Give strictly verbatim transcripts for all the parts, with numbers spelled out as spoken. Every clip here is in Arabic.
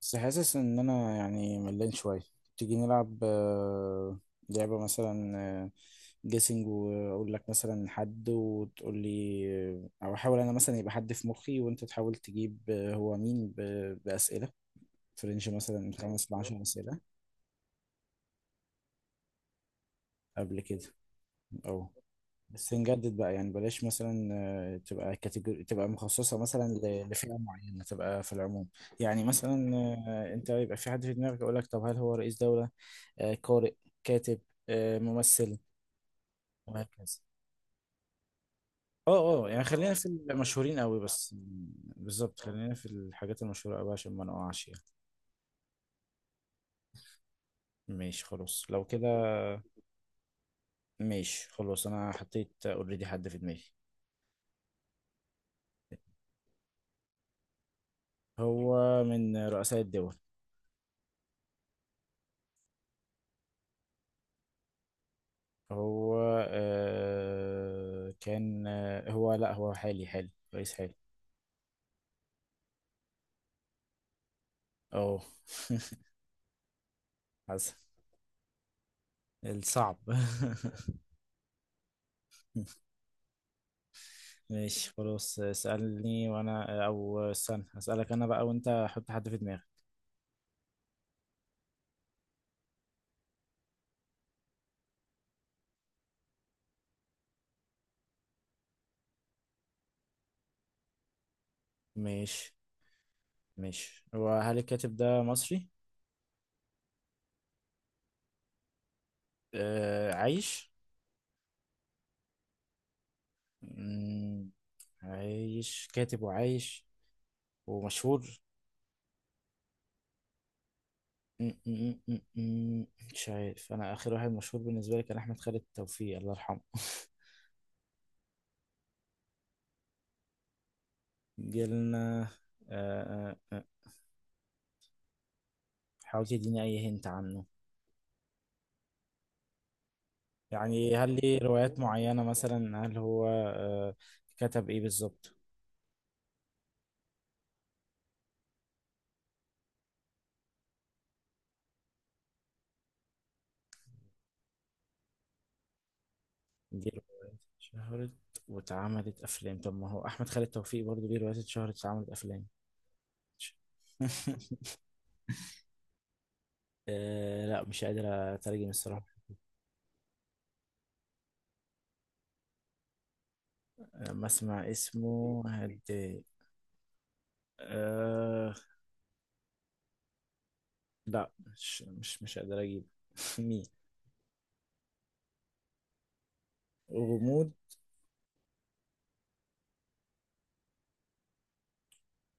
بس حاسس ان انا يعني ملان شويه. تيجي نلعب آه، لعبه مثلا، آه، جيسنج واقول لك مثلا حد وتقول لي آه، او احاول انا مثلا يبقى حد في مخي وانت تحاول تجيب آه، هو مين ب- باسئله فرنش مثلا من خمس ل عشرة اسئله قبل كده او بس نجدد بقى يعني بلاش مثلا، آه، تبقى كاتيجوري تبقى مخصصة مثلا ل- لفئة معينة تبقى في العموم. يعني مثلا، آه، انت يبقى في حد في دماغك يقول لك طب هل هو رئيس دولة، آه، قارئ، كاتب، آه، ممثل وهكذا. اه اه يعني خلينا في المشهورين قوي بس مم، بالظبط خلينا في الحاجات المشهورة قوي عشان ما نقعش يعني. ماشي خلاص لو كده. ماشي خلاص انا حطيت اوريدي حد في دماغي. هو من رؤساء الدول. هو آه كان آه هو لا هو حالي حالي رئيس حالي. اه حسن الصعب. ماشي خلاص اسألني وانا او استنى اسألك انا بقى وانت حط حد في دماغك. ماشي. ماشي، هو هل الكاتب ده مصري آه عايش؟ مم، عايش كاتب وعايش ومشهور. مم، مم، مم، مم، مش عارف انا اخر واحد مشهور بالنسبة لي كان احمد خالد توفيق الله يرحمه. جيلنا آه، آه، آه. حاول تديني أي هنت عنه. يعني هل ليه روايات معينة مثلا؟ هل هو، آه، كتب إيه بالظبط؟ دي روايات اتشهرت واتعملت أفلام؟ طب ما هو أحمد خالد توفيق برضه ليه روايات اتشهرت واتعملت أفلام. آه لا مش قادر أترجم الصراحة. لما أسمع اسمه هتضايق؟ آه لا مش مش مش قادر أجيب. مين؟ غموض.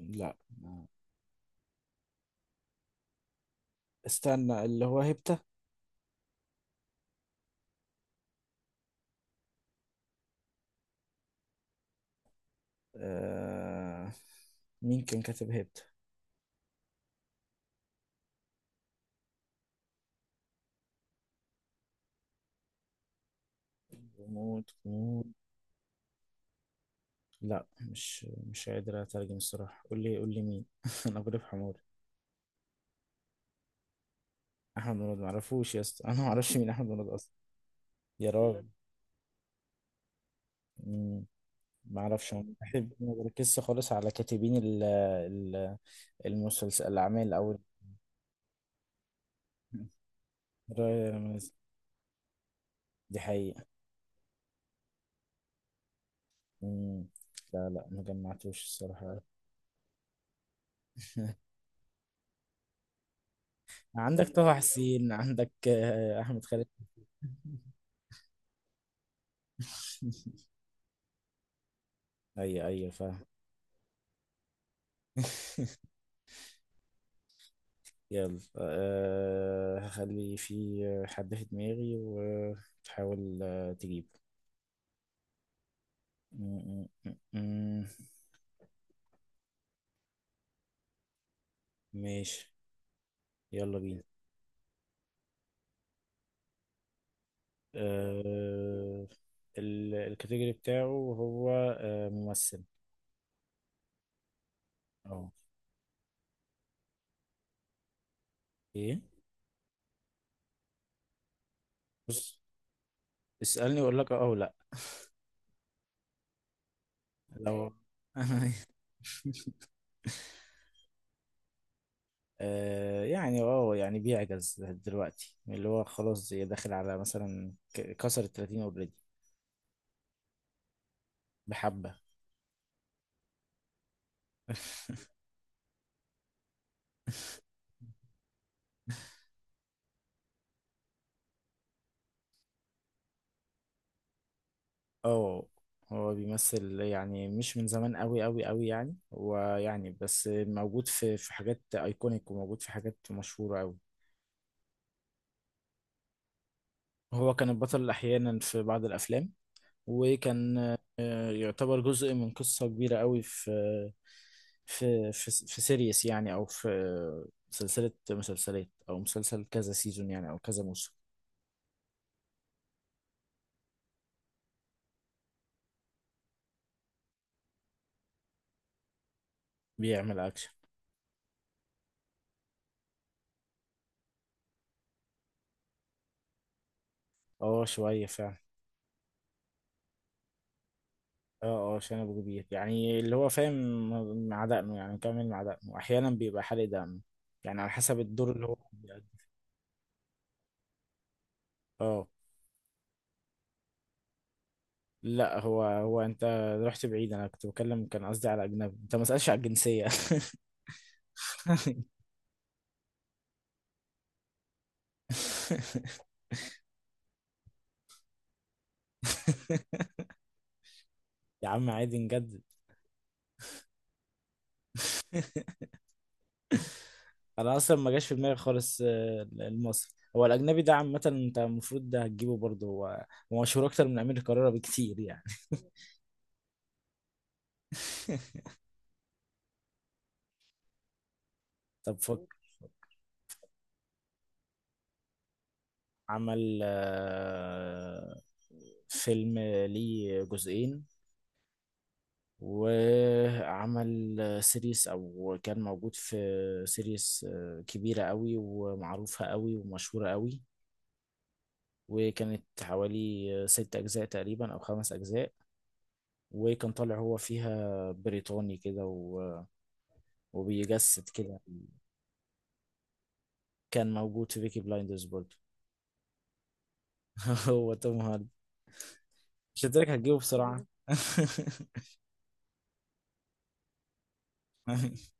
لا ما- استنى، اللي هو هيبتا؟ آه مين كان كاتب هيبتا؟ غموض غموض. لا مش مش قادر اترجم الصراحه. قول لي قول لي مين؟ انا غريب حموري. احمد مراد؟ معرفوش يا اسطى، انا معرفش مين احمد مراد اصلا. يا راجل. مم، معرفش. أنا بحب ما بركزش خالص على كاتبين ال ال المسلسل الاعمال او رأي رمز، دي حقيقه. مم. لا لا ما جمعتوش الصراحه. عندك طه حسين، عندك، آه، احمد خالد. ايوه ايوه فاهم. يلا أه هخلي في حد في دماغي وتحاول، آه، تجيبه. م- م- م- م. ماشي. يلا بينا. أه، ال- الكاتيجوري بتاعه هو أه ممثل. اه. ايه؟ بص، اسألني واقول لك اه او لا. لو أه يعني اه يعني بيعجز دلوقتي، اللي هو خلاص داخل على مثلا ك- كسر ال التلاتين، اوريدي بحبة. اه، هو بيمثل يعني مش من زمان قوي قوي قوي يعني، ويعني بس موجود في في حاجات ايكونيك وموجود في حاجات مشهورة قوي. هو كان البطل احيانا في بعض الافلام، وكان، آه، يعتبر جزء من قصة كبيرة قوي في في في في سيريس يعني، او في سلسلة مسلسلات، او مسلسل كذا سيزون يعني او كذا موسم. بيعمل اكشن. اه شوية فعلا. اه اه شنب كبير يعني، اللي هو فاهم مع دقنه يعني، كامل مع دقنه، احيانا بيبقى حالق دقنه يعني على حسب الدور اللي هو بيأديه. اه لا هو هو انت رحت بعيد، انا كنت بتكلم كان قصدي على اجنبي، انت ما سألش على الجنسية. يا عم عادي نجدد. انا اصلا ما جاش في دماغي خالص، آه، المصري هو الاجنبي ده عامة انت المفروض ده هتجيبه برضه. هو هو مشهور اكتر من امير كرارة بكتير يعني. طب فكر. عمل، آه، فيلم ليه جزئين، وعمل سيريس، او كان موجود في سيريس، آه، كبيرة قوي ومعروفة قوي ومشهورة قوي، وكانت حوالي ست اجزاء تقريبا او خمس اجزاء، وكان طالع هو فيها بريطاني كده و... وبيجسد كده. كان موجود في بيكي بلايندرز برضه. هو توم هاردي. مش هتدرك هتجيبه بسرعة.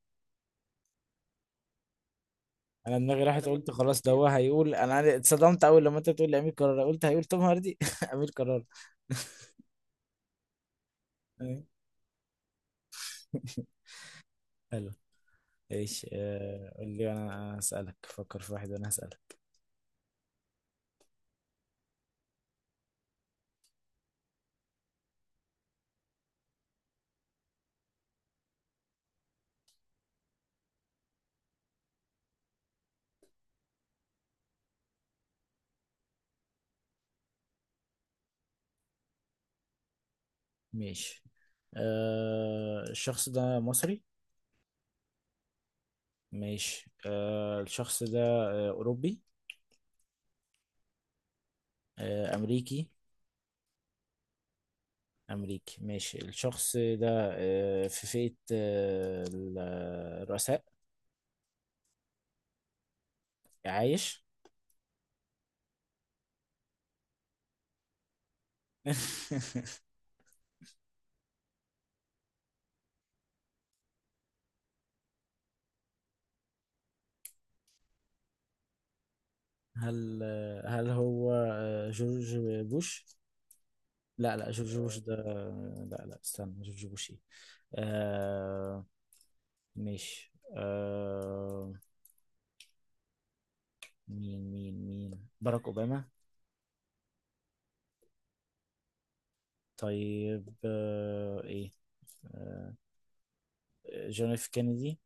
انا دماغي راحت، قلت خلاص ده هو هيقول، انا عارف- اتصدمت اول لما انت بتقول لي امير كرارة، قلت هيقول توم هاردي. امير كرارة. حلو. ايش، آه، قول لي انا اسالك، فكر في واحد وانا هسالك. ماشي، آه، الشخص ده مصري؟ ماشي، آه، الشخص ده، آه، اوروبي؟ آه، امريكي؟ امريكي، ماشي. الشخص ده، آه، في فئة، آه، ال- الرؤساء؟ عايش؟ هل هل هو، آه، جورج بوش؟ لا لا جورج بوش ده، لا لا استنى جورج بوش ايه؟ آه، ماشي، آه مين مين مين؟ باراك أوباما؟ طيب آه ايه؟ آه، جون اف كينيدي؟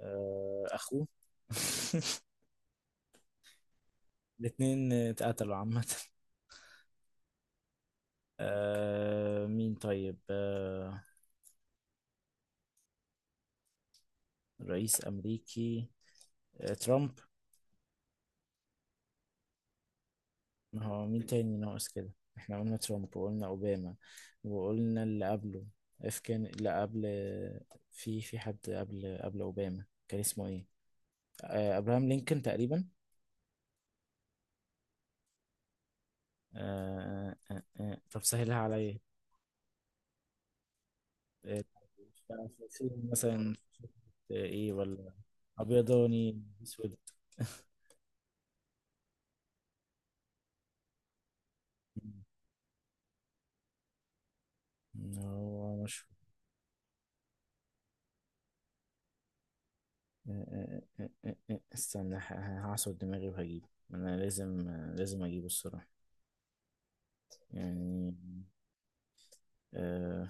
آه اخوه. الاتنين اتقتلوا عامة. آه مين طيب؟ آه، رئيس أمريكي، آه ترامب؟ ما هو مين تاني ناقص كده؟ احنا قلنا ترامب وقلنا اوباما وقلنا اللي قبله، اف كان لا قبل، في في حد قبل قبل اوباما كان اسمه ايه؟ آه ابراهام لينكولن تقريبا؟ آه آه آه. آه. طب سهلها عليا. آه، في فيلم مثلا، آه، ايه ولا ابيضاني اسود؟ مم. هو مشهور. آه، آه، آه، آه، آه. استنى، ه- ه- هعصر دماغي وهجيبه. انا لازم لازم اجيبه الصراحة يعني. آه،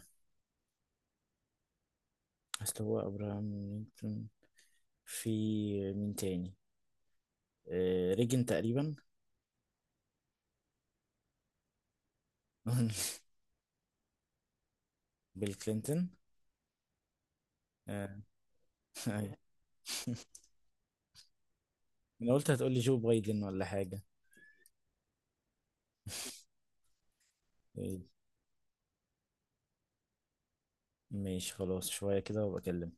اصل هو ابراهام لينكولن، في مين تاني، آه، ريجن تقريبا؟ بيل كلينتون؟ آه. أيوة. انا قلت هتقولي جو بايدن ولا حاجة. إيه، ماشي خلاص شوية كده وبكلم.